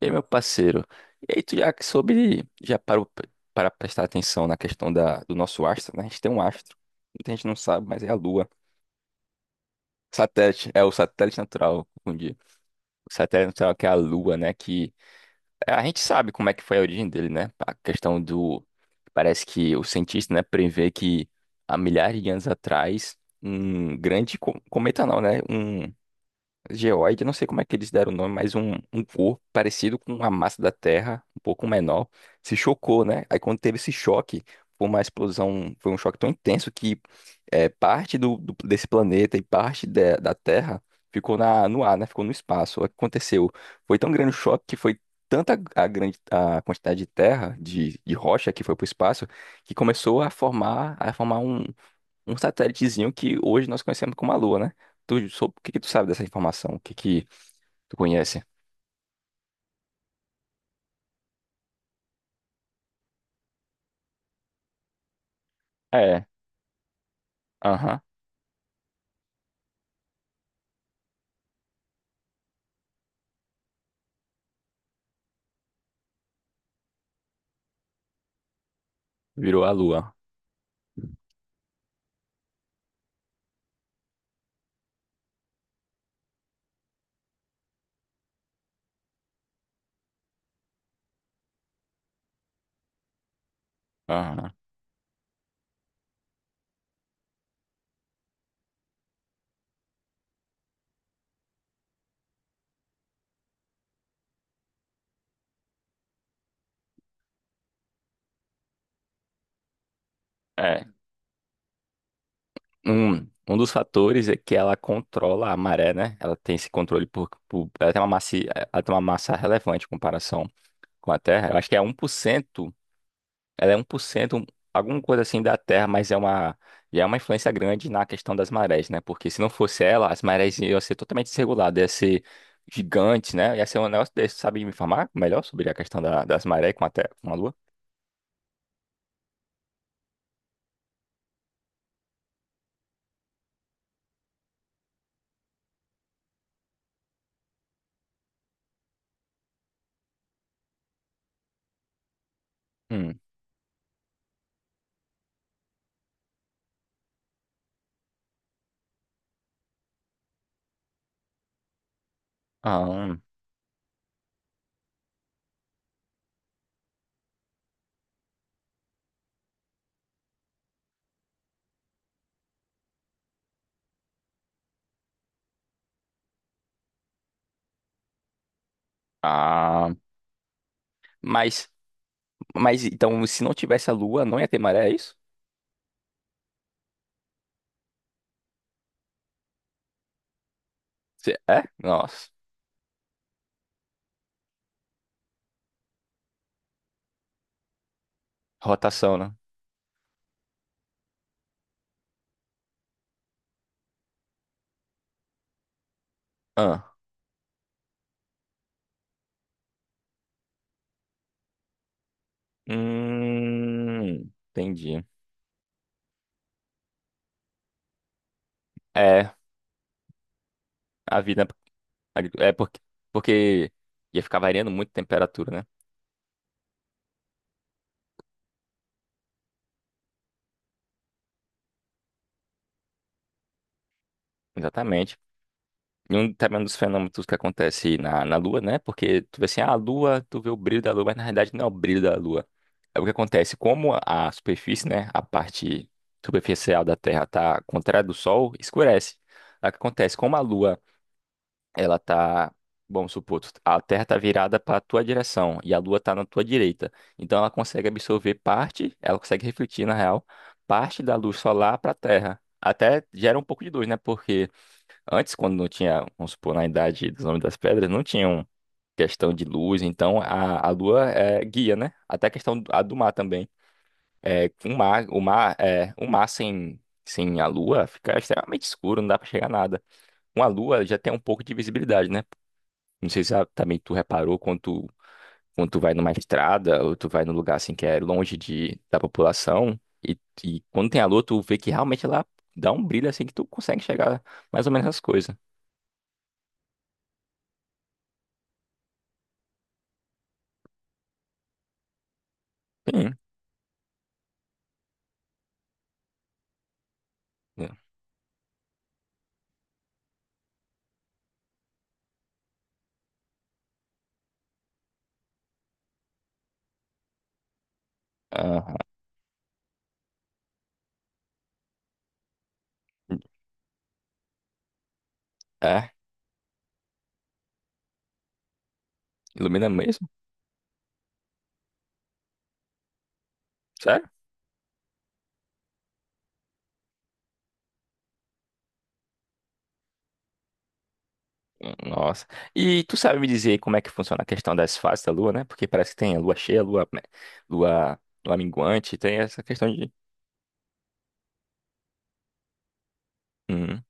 E aí, meu parceiro, e aí tu já que soube, já parou para prestar atenção na questão do nosso astro, né? A gente tem um astro, muita gente não sabe, mas é a Lua. Satélite, é o satélite natural, confundi. O satélite natural que é a Lua, né? Que é, a gente sabe como é que foi a origem dele, né? A questão do, parece que o cientista, né, prevê que há milhares de anos atrás, um grande cometa não, né? Um geoide, não sei como é que eles deram o nome, mas um corpo parecido com a massa da Terra, um pouco menor, se chocou, né? Aí quando teve esse choque, foi uma explosão, foi um choque tão intenso que é, parte do desse planeta e parte da Terra ficou na, no ar, né? Ficou no espaço. O que aconteceu? Foi tão grande o choque que foi tanta a grande a quantidade de terra, de rocha que foi para o espaço, que começou a formar um, satélitezinho que hoje nós conhecemos como a Lua, né? O que que tu sabe dessa informação? O que que tu conhece? É, aham, virou a Lua. Aham, é. Um, dos fatores é que ela controla a maré, né? Ela tem esse controle por ela tem uma massa, ela tem uma massa relevante em comparação com a Terra. Eu acho que é 1%. Ela é 1%, um, alguma coisa assim da Terra, mas é uma, e é uma influência grande na questão das marés, né? Porque se não fosse ela, as marés iam ser totalmente desreguladas, ia ser gigante, né? Ia ser um negócio desse. Sabe me informar melhor sobre a questão das marés com a Terra, com a Lua? Hum. Ah. Ah, mas, mas então, se não tivesse a Lua, não ia ter maré, é isso? É? Nossa. Rotação, né? Ah. Entendi. É, a vida. É porque, porque ia ficar variando muito a temperatura, né? Exatamente. E um, também um dos fenômenos que acontece na, Lua, né? Porque tu vê assim, ah, a Lua, tu vê o brilho da Lua, mas na realidade não é o brilho da Lua. É o que acontece, como a superfície, né? A parte superficial da Terra tá contrária do Sol, escurece. É o que acontece, como a Lua ela tá, vamos supor, a Terra tá virada para a tua direção e a Lua tá na tua direita. Então ela consegue absorver parte, ela consegue refletir na real, parte da luz solar para a Terra. Até gera um pouco de luz, né? Porque antes, quando não tinha, vamos supor, na idade dos Homens das Pedras, não tinham questão de luz, então a, Lua é guia, né? Até a questão do, a do mar também. É, o mar, é, o mar sem a Lua fica extremamente escuro, não dá para chegar a nada. Com a Lua já tem um pouco de visibilidade, né? Não sei se ah, também tu reparou quando tu vai numa estrada ou tu vai num lugar assim que é longe de, da população e, quando tem a lua tu vê que realmente ela dá um brilho assim que tu consegue chegar mais ou menos às coisas. Sim. Né? Aham. É, ilumina mesmo? Sério? Nossa. E tu sabe me dizer como é que funciona a questão das fases da lua, né? Porque parece que tem a lua cheia, lua, né, lua, lua minguante, tem essa questão de... Hum.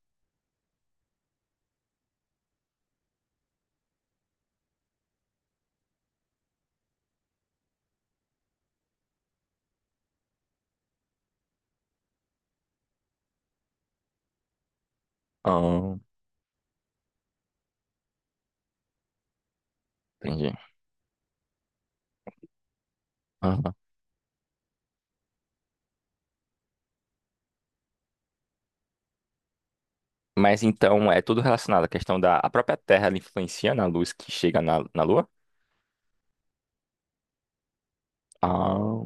Ah, entendi. Ah. Mas então é tudo relacionado à questão da a própria Terra ela influencia na luz que chega na, Lua? Ah,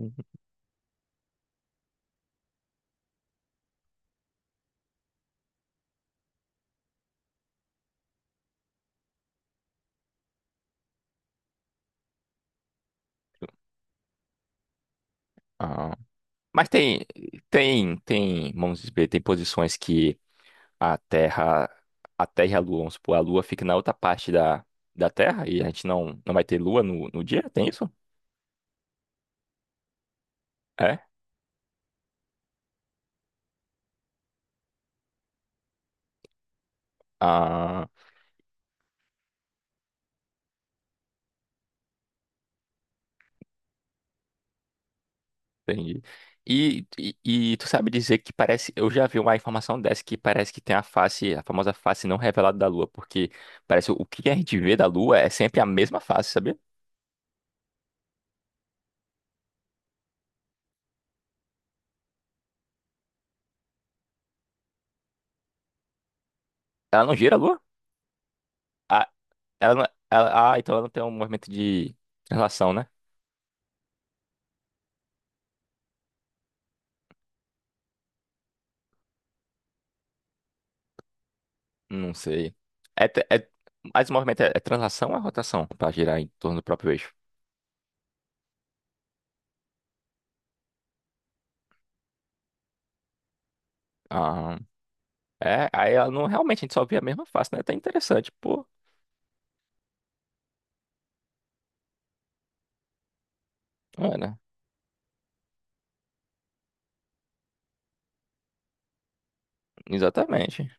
ah. Mas tem, tem, vamos dizer, tem posições que a Terra, e a Lua, vamos supor, a Lua fica na outra parte da, Terra e a gente não, vai ter Lua no, dia? Tem isso? É? Ah. Entendi. E, tu sabe dizer que parece. Eu já vi uma informação dessa que parece que tem a face, a famosa face não revelada da Lua, porque parece o que a gente vê da Lua é sempre a mesma face, sabia? Ela não gira a Lua? Ah, ela não- ela- ah, então ela não tem um movimento de translação, né? Não sei. É, é, mas o movimento é, é translação ou é rotação pra girar em torno do próprio eixo? Ah, é, aí ela não realmente a gente só vê a mesma face, né? Até interessante, pô. Olha, exatamente.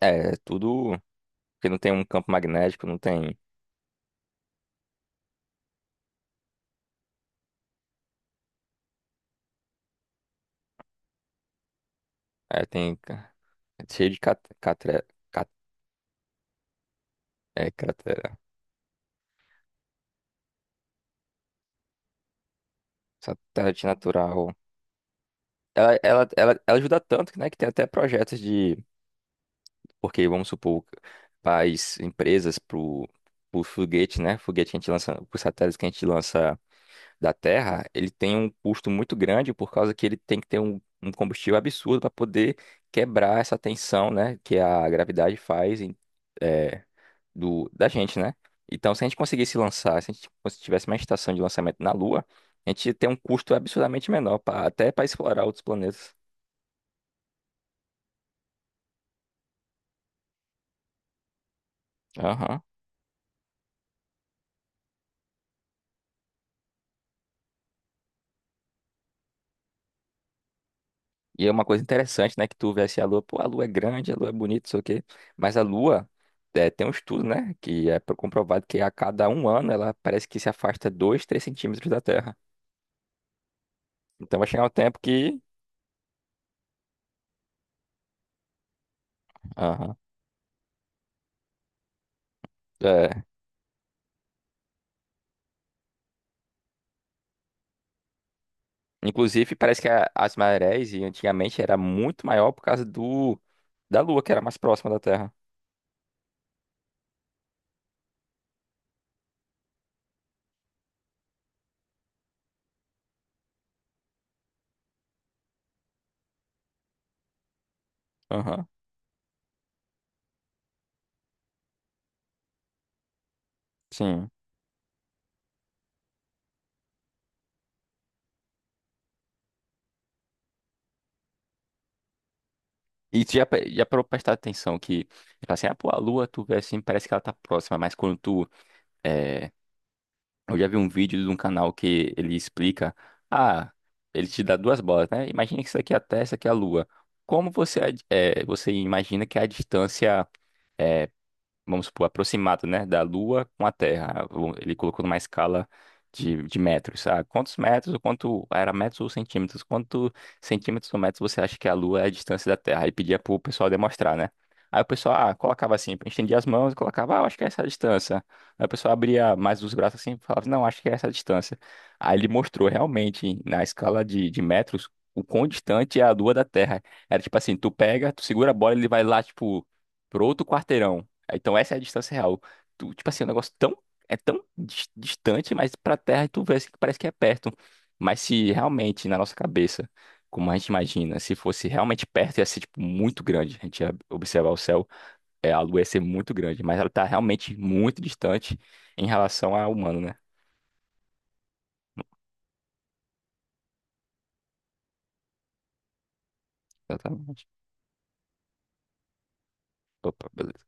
É tudo. Porque não tem um campo magnético, não tem. É, tem ca- cheio de cat, catre- cat- é, cratera. Satélite natural. Ela, ajuda tanto, né, que tem até projetos de. Porque, vamos supor, faz empresas pro, foguete, né? Foguete que a gente lança, pro satélite que a gente lança da Terra, ele tem um custo muito grande por causa que ele tem que ter um, combustível absurdo para poder quebrar essa tensão, né? Que a gravidade faz. Em é, do, da gente, né? Então, se a gente conseguisse lançar, se a gente cons- tivesse uma estação de lançamento na Lua, a gente ia ter um custo absurdamente menor, pra, até para explorar outros planetas. Aham. E é uma coisa interessante, né? Que tu vê assim, a Lua, pô, a Lua é grande, a Lua é bonita, não sei o quê. Mas a Lua, é, tem um estudo, né? Que é comprovado que a cada um ano ela parece que se afasta 2, 3 centímetros da Terra. Então vai chegar um tempo que. Aham. É, inclusive, parece que as marés e antigamente era muito maior por causa do da Lua, que era mais próxima da Terra. Aham, sim. E tu já, já parou pra prestar atenção que, tipo assim, ah, pô, a Lua, tu vê assim, parece que ela tá próxima, mas quando tu, é, eu já vi um vídeo de um canal que ele explica, ah, ele te dá duas bolas, né? Imagina que isso aqui é a Terra, isso aqui é a Lua. Como você, é, você imagina que é a distância vamos supor, aproximado, né, da Lua com a Terra. Ele colocou numa escala de, metros. Ah, quantos metros, ou quanto ah, era metros ou centímetros? Quanto centímetros ou metros você acha que a Lua é a distância da Terra? Aí pedia pro pessoal demonstrar, né? Aí o pessoal, ah, colocava assim, estendia as mãos e colocava, ah, eu acho que é essa a distância. Aí o pessoal abria mais os braços assim e falava, não, acho que é essa a distância. Aí ele mostrou realmente, na escala de, metros, o quão distante é a Lua da Terra. Era tipo assim, tu pega, tu segura a bola, ele vai lá, tipo, pro outro quarteirão. Então essa é a distância real. Tu, tipo assim, o negócio tão, é tão distante, mas pra Terra tu vê assim que parece que é perto. Mas se realmente, na nossa cabeça, como a gente imagina, se fosse realmente perto, ia ser tipo muito grande. A gente ia observar o céu, é, a Lua ia ser muito grande, mas ela tá realmente muito distante em relação ao humano, né? Exatamente. Opa, beleza.